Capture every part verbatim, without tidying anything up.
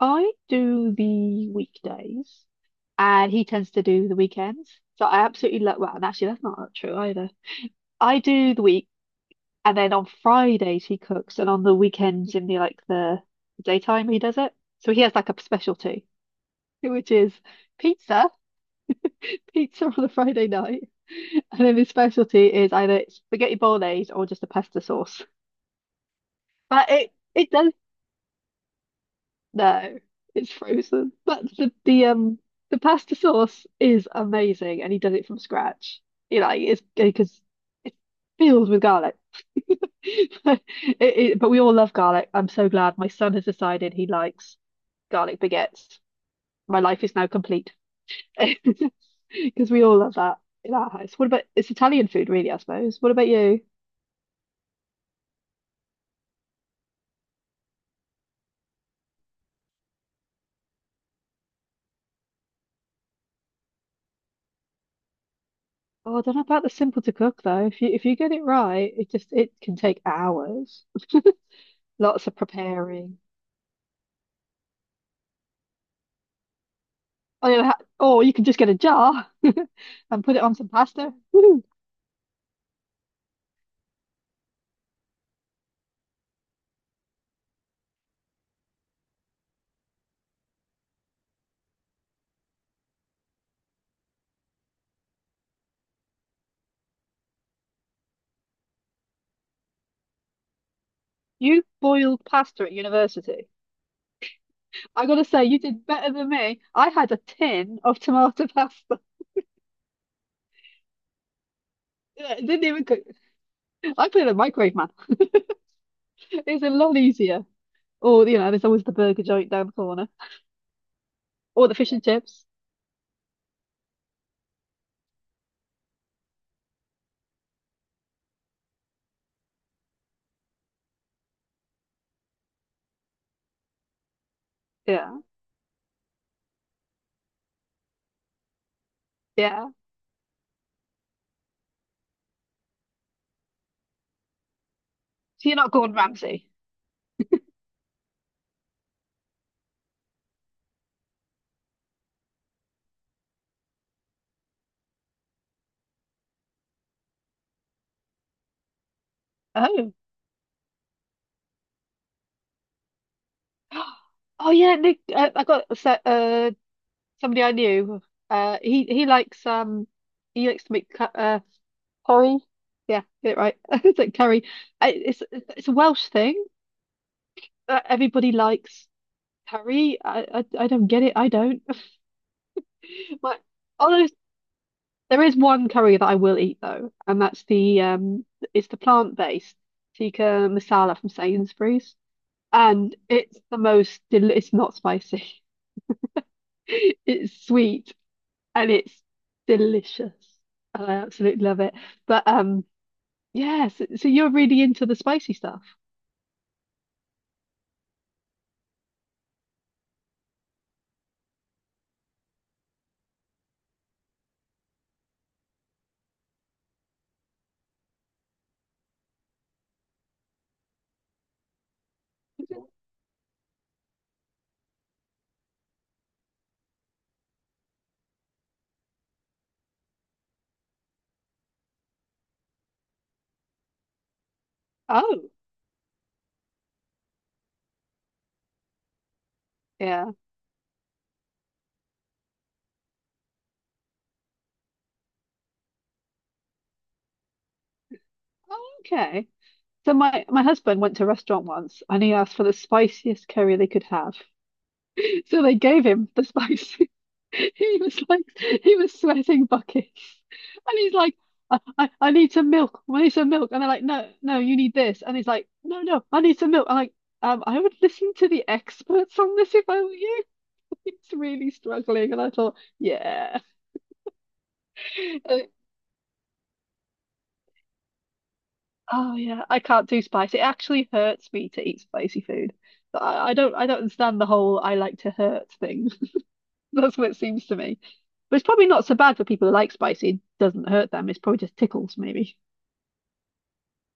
I do the weekdays and he tends to do the weekends. So I absolutely love, well, and actually that's not true either. I do the week and then on Fridays he cooks and on the weekends in the like the daytime he does it. So he has like a specialty, which is pizza, pizza on a Friday night. And then his specialty is either spaghetti bolognese or just a pasta sauce. But it it does. No, it's frozen. But the the um the pasta sauce is amazing, and he does it from scratch. You know, like, it's because it's filled with garlic. It, it, but we all love garlic. I'm so glad my son has decided he likes garlic baguettes. My life is now complete because we all love that in our house. What about It's Italian food, really, I suppose. What about you? Oh, I don't know about the simple to cook though. If you if you get it right, it just it can take hours. Lots of preparing. Or, you ha- or you can just get a jar and put it on some pasta. Woo! You boiled pasta at university. I gotta say, you did better than me. I had a tin of tomato pasta. It didn't even cook. I put it in the microwave, man. It's a lot easier. Or, you know, there's always the burger joint down the corner. Or the fish and chips. Yeah. Yeah. So you're not Gordon Ramsay. Oh. Oh yeah, Nick. Uh, I got a set, uh somebody I knew. Uh, he he likes um he likes to make cu- uh curry. Yeah, get it right. It's like curry. I, it's it's a Welsh thing. Uh, everybody likes curry. I, I I don't get it. I don't. But although there is one curry that I will eat though, and that's the um it's the plant-based tikka masala from Sainsbury's, and it's the most del it's not spicy. It's sweet and it's delicious. And I absolutely love it. But um yeah, so, so you're really into the spicy stuff. Oh. Yeah. Oh, okay. So my my husband went to a restaurant once and he asked for the spiciest curry they could have. So they gave him the spice. He was like he was sweating buckets. And he's like, I, I, I need some milk. I need some milk. And they're like, no, no, you need this. And he's like, no, no, I need some milk. I'm like, um, I would listen to the experts on this if I were you. He's really struggling. And I thought, yeah. Oh yeah, I can't do spice. It actually hurts me to eat spicy food. But I, I don't I don't understand the whole I like to hurt thing. That's what it seems to me. But it's probably not so bad for people who like spicy. It doesn't hurt them. It's probably just tickles maybe.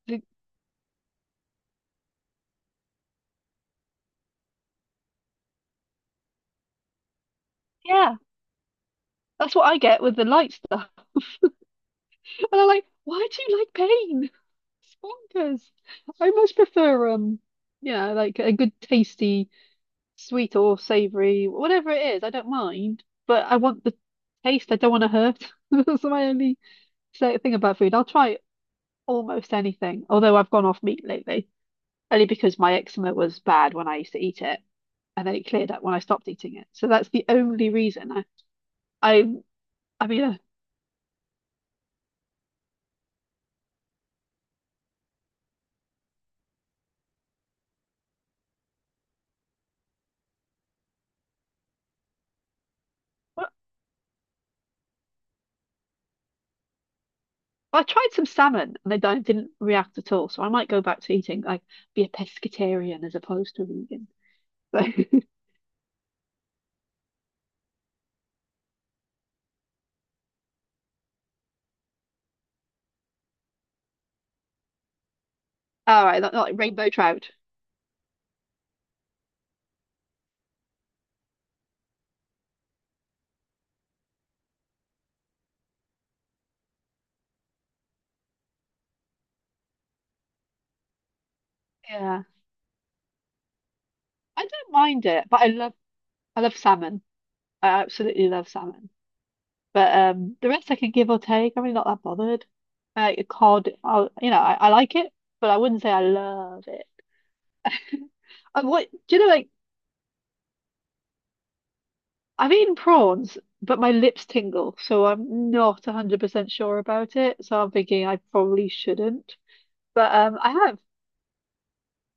But yeah, that's what I get with the light stuff. And I'm like, why do you like pain? It's bonkers. I much prefer um, you know, like a good tasty sweet or savory, whatever it is. I don't mind, but I want the taste. I don't want to hurt. That's my only. So the thing about food, I'll try almost anything. Although I've gone off meat lately, only because my eczema was bad when I used to eat it, and then it cleared up when I stopped eating it. So that's the only reason. I, I, I mean, uh, well, I tried some salmon and they don't didn't react at all. So I might go back to eating like be a pescatarian as opposed to a vegan. So, all right, not, not like rainbow trout. Yeah, I don't mind it, but I love, I love salmon. I absolutely love salmon. But um, the rest I can give or take. I'm really not that bothered. Uh, cod, I, will, you know, I, I like it, but I wouldn't say I love it. I, what do you know? Like I've eaten prawns, but my lips tingle, so I'm not one hundred percent sure about it. So I'm thinking I probably shouldn't. But um, I have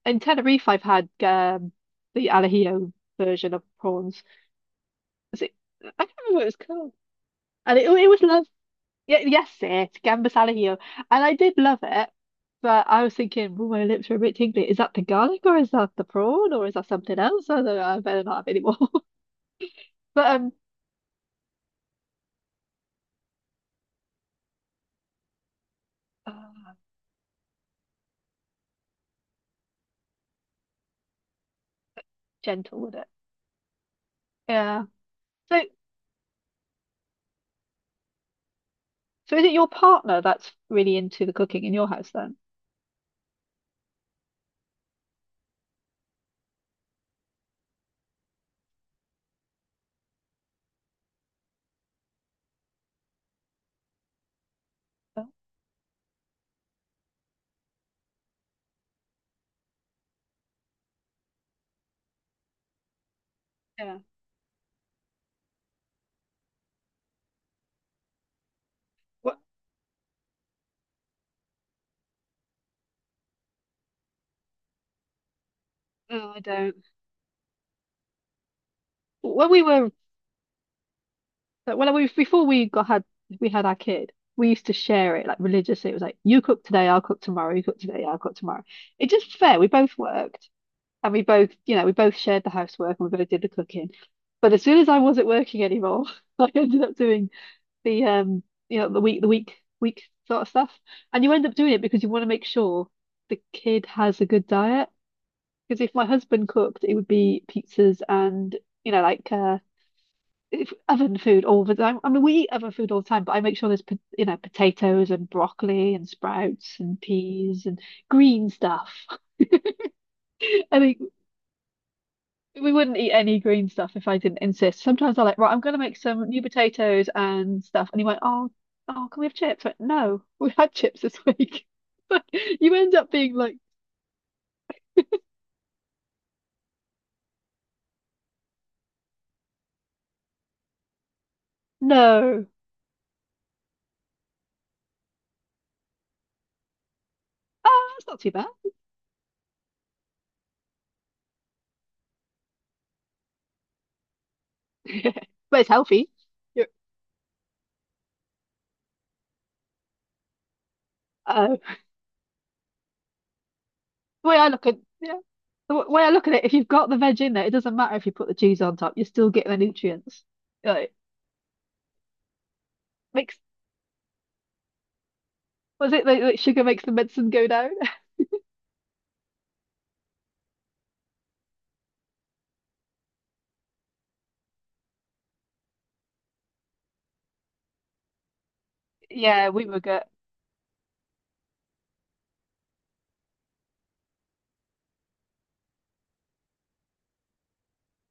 in Tenerife. I've had um, the al version of prawns. Is it- I can't remember what it was called, and it it was. Yeah, yes, it Gambas al ajillo, and I did love it, but I was thinking, oh, my lips are a bit tingly. Is that the garlic or is that the prawn or is that something else? I don't know. I better not have any more. But um, ah, gentle with it. Yeah. So, so is it your partner that's really into the cooking in your house then? Oh, yeah. What? No, I don't. When we were, when we before we got had we had our kid, we used to share it like religiously. It was like you cook today, I'll cook tomorrow. You cook today, I'll cook tomorrow. It just fair. We both worked. And we both, you know, we both shared the housework and we both did the cooking. But as soon as I wasn't working anymore, I ended up doing the um, you know, the week the week week sort of stuff. And you end up doing it because you want to make sure the kid has a good diet. Because if my husband cooked, it would be pizzas and, you know, like uh if- oven food all the time. I mean, we eat oven food all the time, but I make sure there's, po- you know, potatoes and broccoli and sprouts and peas and green stuff. I mean, we wouldn't eat any green stuff if I didn't insist. Sometimes I'm like, right, I'm gonna make some new potatoes and stuff. And he went, oh, oh, can we have chips? I went, no, we had chips this week. Like, you end up being like, no, oh, it's not too bad. But it's healthy. You're, uh, the way I look at, yeah, the w- way I look at it, if you've got the veg in there, it doesn't matter if you put the cheese on top. You're still getting the nutrients. Like, makes was it like, like sugar makes the medicine go down? Yeah, we were good.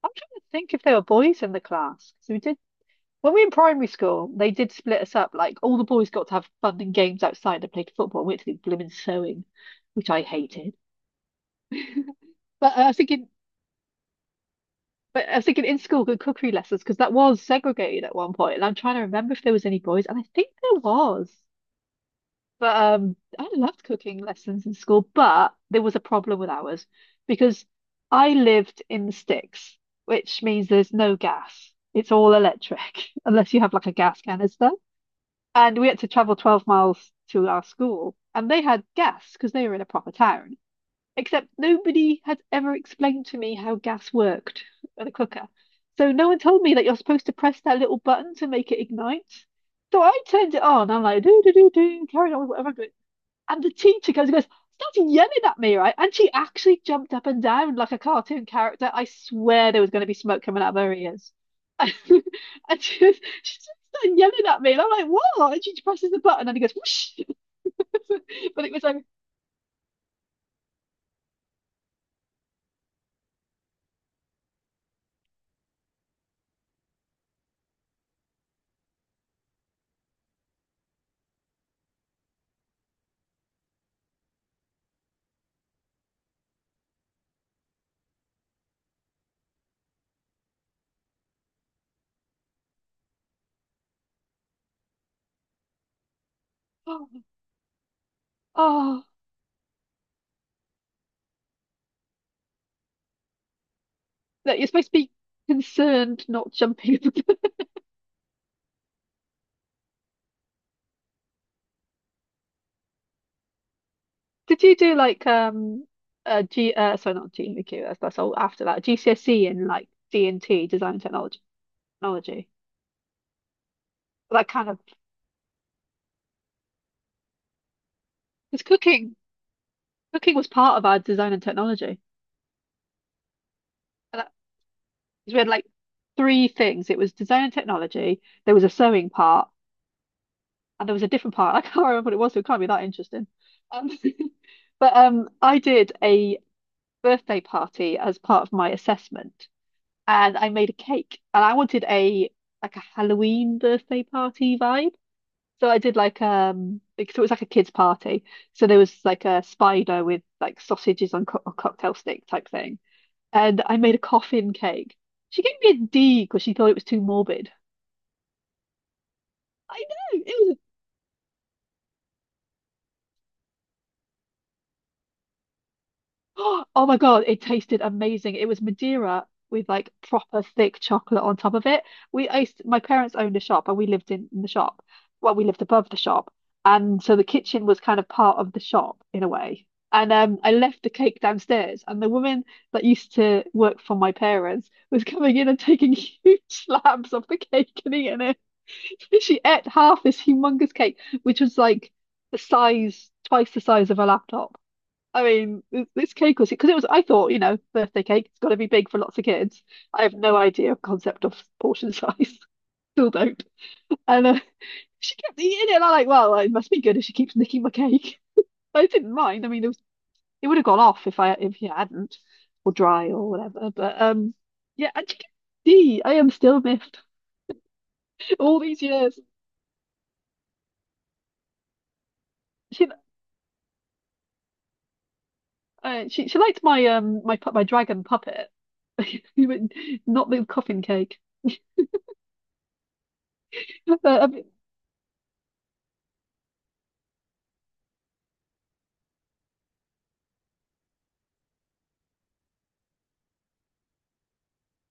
I'm trying to think if there were boys in the class. So we did. When we were in primary school, they did split us up. Like all the boys got to have fun and games outside and played football. We had to do blooming sewing, which I hated. But uh, I was thinking, but I was thinking in school, good cookery lessons because that was segregated at one point. And I'm trying to remember if there was any boys, and I think there was. But um, I loved cooking lessons in school, but there was a problem with ours because I lived in the sticks, which means there's no gas. It's all electric unless you have like a gas canister. And we had to travel 12 miles to our school. And they had gas because they were in a proper town. Except nobody had ever explained to me how gas worked at a cooker. So no one told me that you're supposed to press that little button to make it ignite. So I turned it on. I'm like, do, do, do, do, carry on with whatever I'm doing. And the teacher comes and goes, started yelling at me, right? And she actually jumped up and down like a cartoon character. I swear there was going to be smoke coming out of her ears. And she, was, she just started yelling at me, and I'm like, "What?" And she presses the button, and he goes, "Whoosh!" But it was like, "Oh, oh, that you're supposed to be concerned, not jumping." Did you do like um uh G uh sorry, not G M Q, that's that's all after that G C S E in like D and T design and technology technology that kind of it's cooking. Cooking was part of our design and technology. And that, 'cause we had like three things. It was design and technology, there was a sewing part, and there was a different part. I can't remember what it was, so it can't be that interesting. Um, but um, I did a birthday party as part of my assessment, and I made a cake, and I wanted a like a Halloween birthday party vibe. So I did like um, like, so it was like a kids' party. So there was like a spider with like sausages on co or cocktail stick type thing. And I made a coffin cake. She gave me a D because she thought it was too morbid. I know, it was. Oh my God, it tasted amazing. It was Madeira with like proper thick chocolate on top of it. We I used My parents owned a shop and we lived in, in the shop. Well, we lived above the shop. And so the kitchen was kind of part of the shop in a way. And um, I left the cake downstairs, and the woman that used to work for my parents was coming in and taking huge slabs of the cake and eating it. She ate half this humongous cake, which was like the size, twice the size of a laptop. I mean, this, this cake was because it was. I thought, you know, birthday cake, it's got to be big for lots of kids. I have no idea of concept of portion size. Still don't. And uh, she kept eating it, and I'm like, well, it must be good if she keeps nicking my cake. But I didn't mind. I mean, it was it would have gone off if I if you hadn't, or dry or whatever. But um, yeah, and she kept- gee, I am still miffed all these years. She uh, she she liked my um my pu- my dragon puppet, not the coffin cake. Uh, I mean,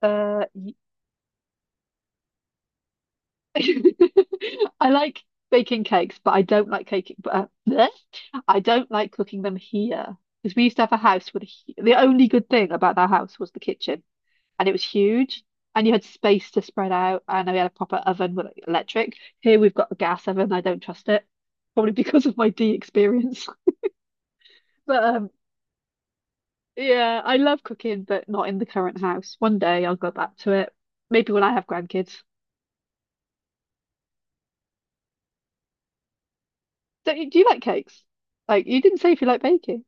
uh, I like baking cakes, but I don't like caking. But uh, bleh. I don't like cooking them here because we used to have a house with a, hu- the only good thing about that house was the kitchen, and it was huge, and you had space to spread out, and we had a proper oven with like, electric. Here we've got a gas oven. I don't trust it, probably because of my D experience. But um, yeah, I love cooking, but not in the current house. One day I'll go back to it. Maybe when I have grandkids. Don't you, do you like cakes? Like you didn't say if you like baking.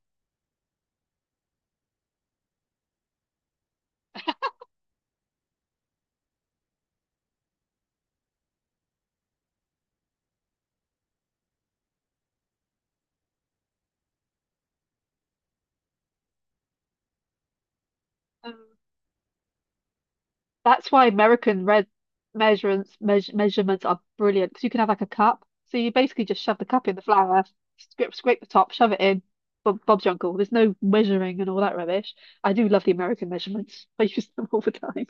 Um, That's why American red measurements meas measurements are brilliant because you can have like a cup. So you basically just shove the cup in the flour, scrape scrape the top, shove it in. Bob, Bob's your uncle. There's no measuring and all that rubbish. I do love the American measurements. I use them all the time.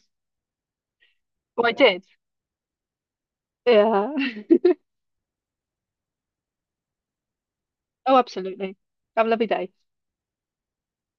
Well, I did. Yeah. Oh, absolutely. Have a lovely day.